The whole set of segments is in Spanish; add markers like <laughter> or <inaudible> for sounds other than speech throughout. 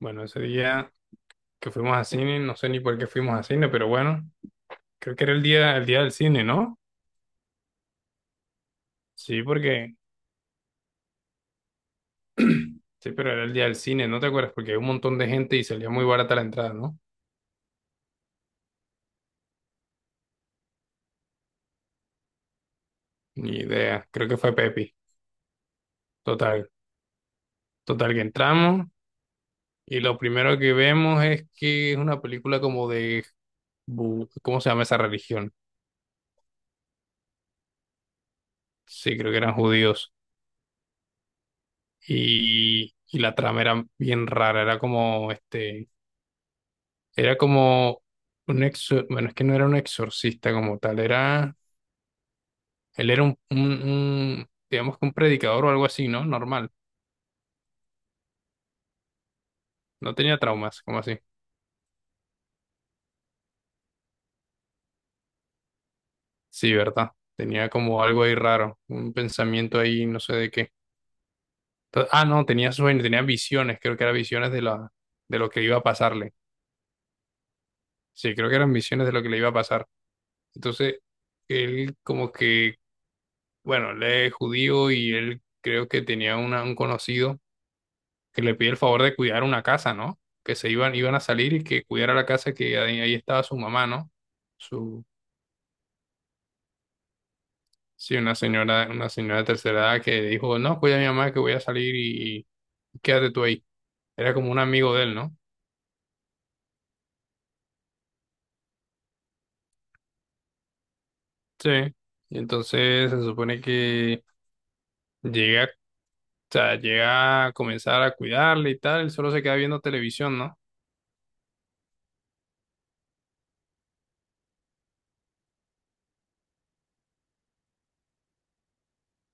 Bueno, ese día que fuimos a cine, no sé ni por qué fuimos a cine, pero bueno, creo que era el día del cine, ¿no? Sí, porque, sí, pero era el día del cine, ¿no te acuerdas? Porque hay un montón de gente y salía muy barata la entrada, ¿no? Ni idea, creo que fue Pepi. Total, que entramos y lo primero que vemos es que es una película como de, ¿cómo se llama esa religión? Sí, creo que eran judíos. Y la trama era bien rara, era como, era como un bueno, es que no era un exorcista como tal, era, él era un, digamos que un predicador o algo así, ¿no? Normal, no tenía traumas, como así. Sí, ¿verdad? Tenía como algo ahí raro, un pensamiento ahí, no sé de qué. No, tenía sueños, tenía visiones, creo que eran visiones de la, de lo que iba a pasarle. Sí, creo que eran visiones de lo que le iba a pasar. Entonces, él como que, bueno, él es judío y él creo que tenía una, un conocido que le pide el favor de cuidar una casa, ¿no? Que se iban, iban a salir y que cuidara la casa que ahí, ahí estaba su mamá, ¿no? Su, sí, una señora de tercera edad que dijo, no, cuida a mi mamá que voy a salir y quédate tú ahí. Era como un amigo de él, ¿no? Sí. Y entonces se supone que llega, o sea, llega a comenzar a cuidarle y tal, él solo se queda viendo televisión, ¿no?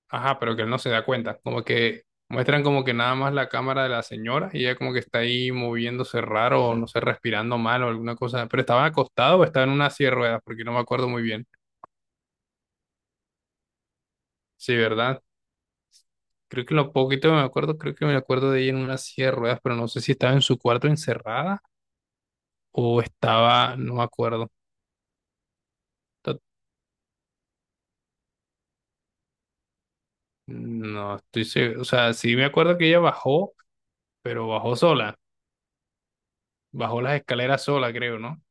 Ajá, pero que él no se da cuenta. Como que muestran como que nada más la cámara de la señora y ella como que está ahí moviéndose raro o no sé, respirando mal o alguna cosa. Pero estaba acostado o estaba en una silla de ruedas, porque no me acuerdo muy bien. Sí, ¿verdad? Creo que lo poquito que me acuerdo, creo que me acuerdo de ella en una silla de ruedas, pero no sé si estaba en su cuarto encerrada o estaba, no me acuerdo. To- No estoy seguro. O sea, sí me acuerdo que ella bajó, pero bajó sola. Bajó las escaleras sola, creo, ¿no?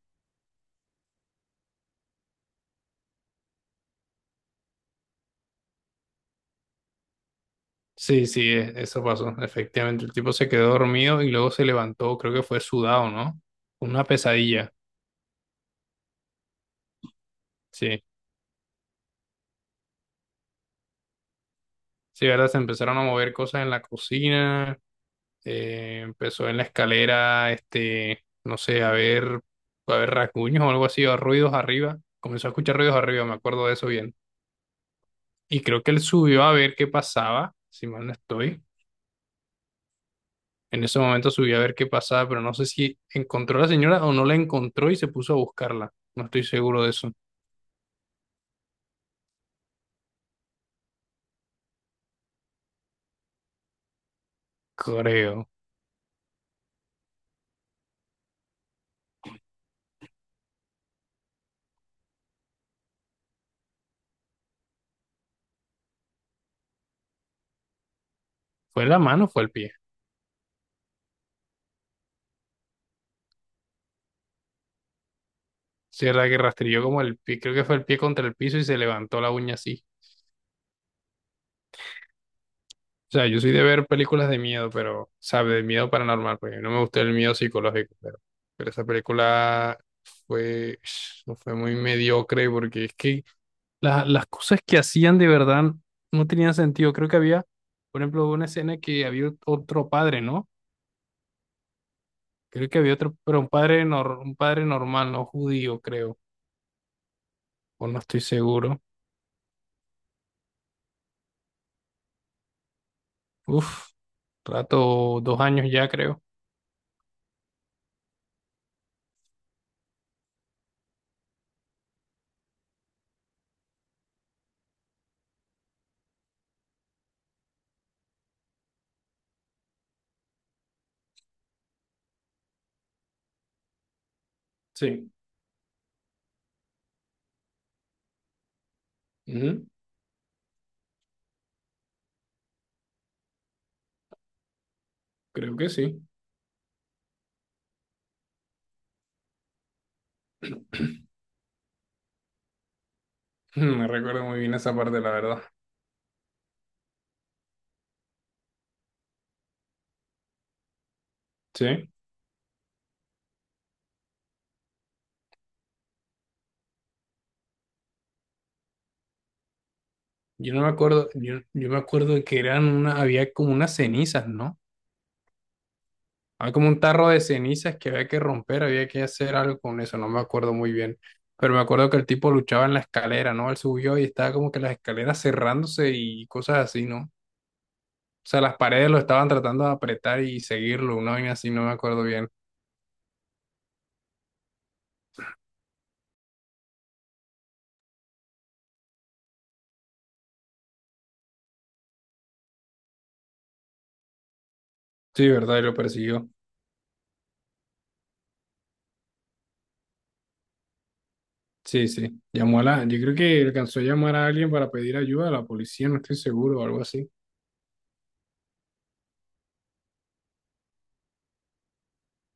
Sí, sí, eso pasó. Efectivamente, el tipo se quedó dormido y luego se levantó, creo que fue sudado, ¿no? Una pesadilla. Sí, sí, ¿verdad? Se empezaron a mover cosas en la cocina, empezó en la escalera, no sé, a ver rasguños o algo así, o ruidos arriba. Comenzó a escuchar ruidos arriba, me acuerdo de eso bien. Y creo que él subió a ver qué pasaba, si mal no estoy. En ese momento subió a ver qué pasaba, pero no sé si encontró a la señora o no la encontró y se puso a buscarla. No estoy seguro de eso. Creo. ¿Fue la mano o fue el pie? Sí, verdad que rastrilló como el pie, creo que fue el pie contra el piso y se levantó la uña así. O sea, yo soy de ver películas de miedo, pero, sabe, de miedo paranormal, porque no me gusta el miedo psicológico, pero esa película fue, <sniffs> fue muy mediocre porque es que las cosas que hacían de verdad no tenían sentido. Creo que había, por ejemplo, una escena que había otro padre, ¿no? Creo que había otro, pero un padre, un padre normal, no judío, creo, o no estoy seguro. Uf, rato, 2 años ya creo. Sí. Ujú, creo que sí. <clears throat> Me recuerdo muy bien esa parte, la verdad. Sí. Yo no me acuerdo, yo me acuerdo que eran una, había como unas cenizas, ¿no? Había como un tarro de cenizas que había que romper, había que hacer algo con eso, no me acuerdo muy bien. Pero me acuerdo que el tipo luchaba en la escalera, ¿no? Él subió y estaba como que las escaleras cerrándose y cosas así, ¿no? O sea, las paredes lo estaban tratando de apretar y seguirlo, una vaina así, no me acuerdo bien. Sí, ¿verdad? Y lo persiguió. Sí, sí. Llamó a la, yo creo que alcanzó a llamar a alguien para pedir ayuda a la policía, no estoy seguro, o algo así.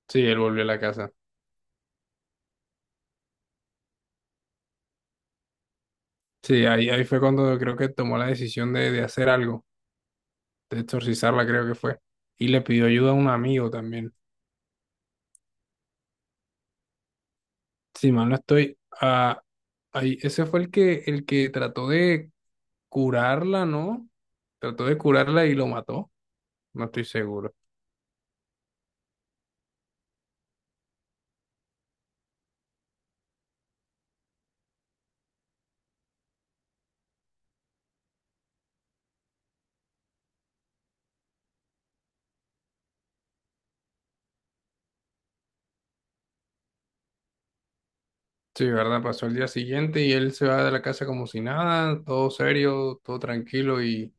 Sí, él volvió a la casa. Sí, ahí, ahí fue cuando creo que tomó la decisión de hacer algo, de exorcizarla, creo que fue. Y le pidió ayuda a un amigo también. Si mal no estoy, ah, ahí, ese fue el que trató de curarla, ¿no? Trató de curarla y lo mató. No estoy seguro. Sí, ¿verdad? Pasó el día siguiente y él se va de la casa como si nada, todo serio, todo tranquilo y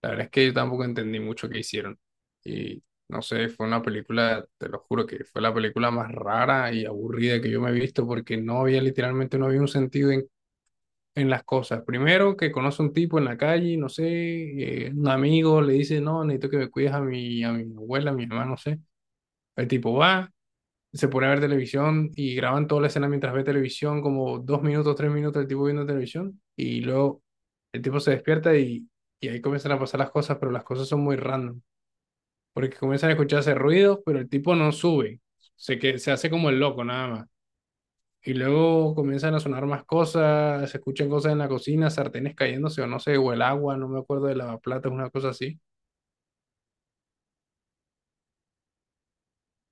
la verdad es que yo tampoco entendí mucho qué hicieron. Y no sé, fue una película, te lo juro, que fue la película más rara y aburrida que yo me he visto porque no había, literalmente, no había un sentido en las cosas. Primero, que conoce un tipo en la calle, no sé, un amigo le dice, no, necesito que me cuides a mi abuela, a mi mamá, no sé. El tipo va, se pone a ver televisión y graban toda la escena mientras ve televisión, como dos minutos, tres minutos el tipo viendo televisión, y luego el tipo se despierta y ahí comienzan a pasar las cosas, pero las cosas son muy random, porque comienzan a escucharse ruidos, pero el tipo no sube, se, que, se hace como el loco nada más. Y luego comienzan a sonar más cosas, se escuchan cosas en la cocina, sartenes cayéndose o no sé, o el agua, no me acuerdo de lavaplatos, una cosa así.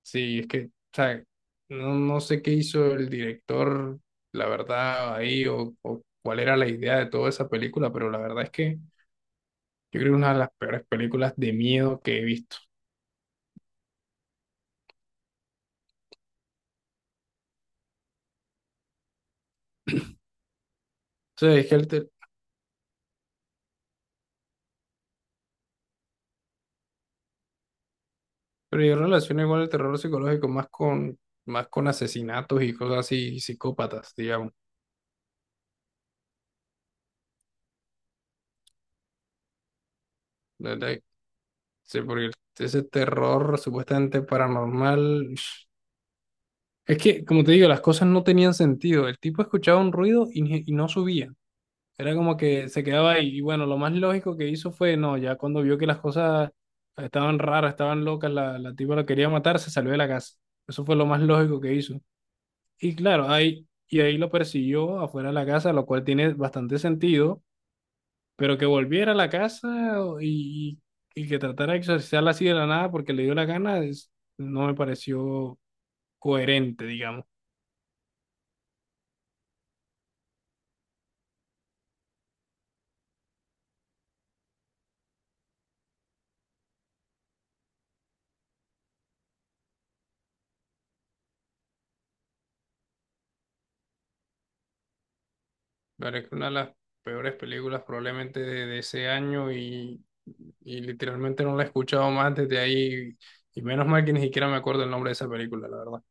Sí, es que, o sea, no, no sé qué hizo el director, la verdad, ahí, o cuál era la idea de toda esa película, pero la verdad es que yo creo que es una de las peores películas de miedo que he visto. O sea, es que pero yo relaciono igual el terror psicológico más con asesinatos y cosas así, y psicópatas, digamos. La verdad, sí, porque ese terror supuestamente paranormal, <sniffs> es que, como te digo, las cosas no tenían sentido. El tipo escuchaba un ruido y, y no subía. Era como que se quedaba ahí. Y bueno, lo más lógico que hizo fue, no, ya cuando vio que las cosas estaban raras, estaban locas, la tipa lo quería matar, se salió de la casa. Eso fue lo más lógico que hizo. Y claro, ahí, y ahí lo persiguió afuera de la casa, lo cual tiene bastante sentido, pero que volviera a la casa y que tratara de exorcizarla así de la nada porque le dio la gana, no me pareció coherente. Claro, es que una de las peores películas probablemente de ese año y literalmente no la he escuchado más desde ahí y menos mal que ni siquiera me acuerdo el nombre de esa película, la verdad.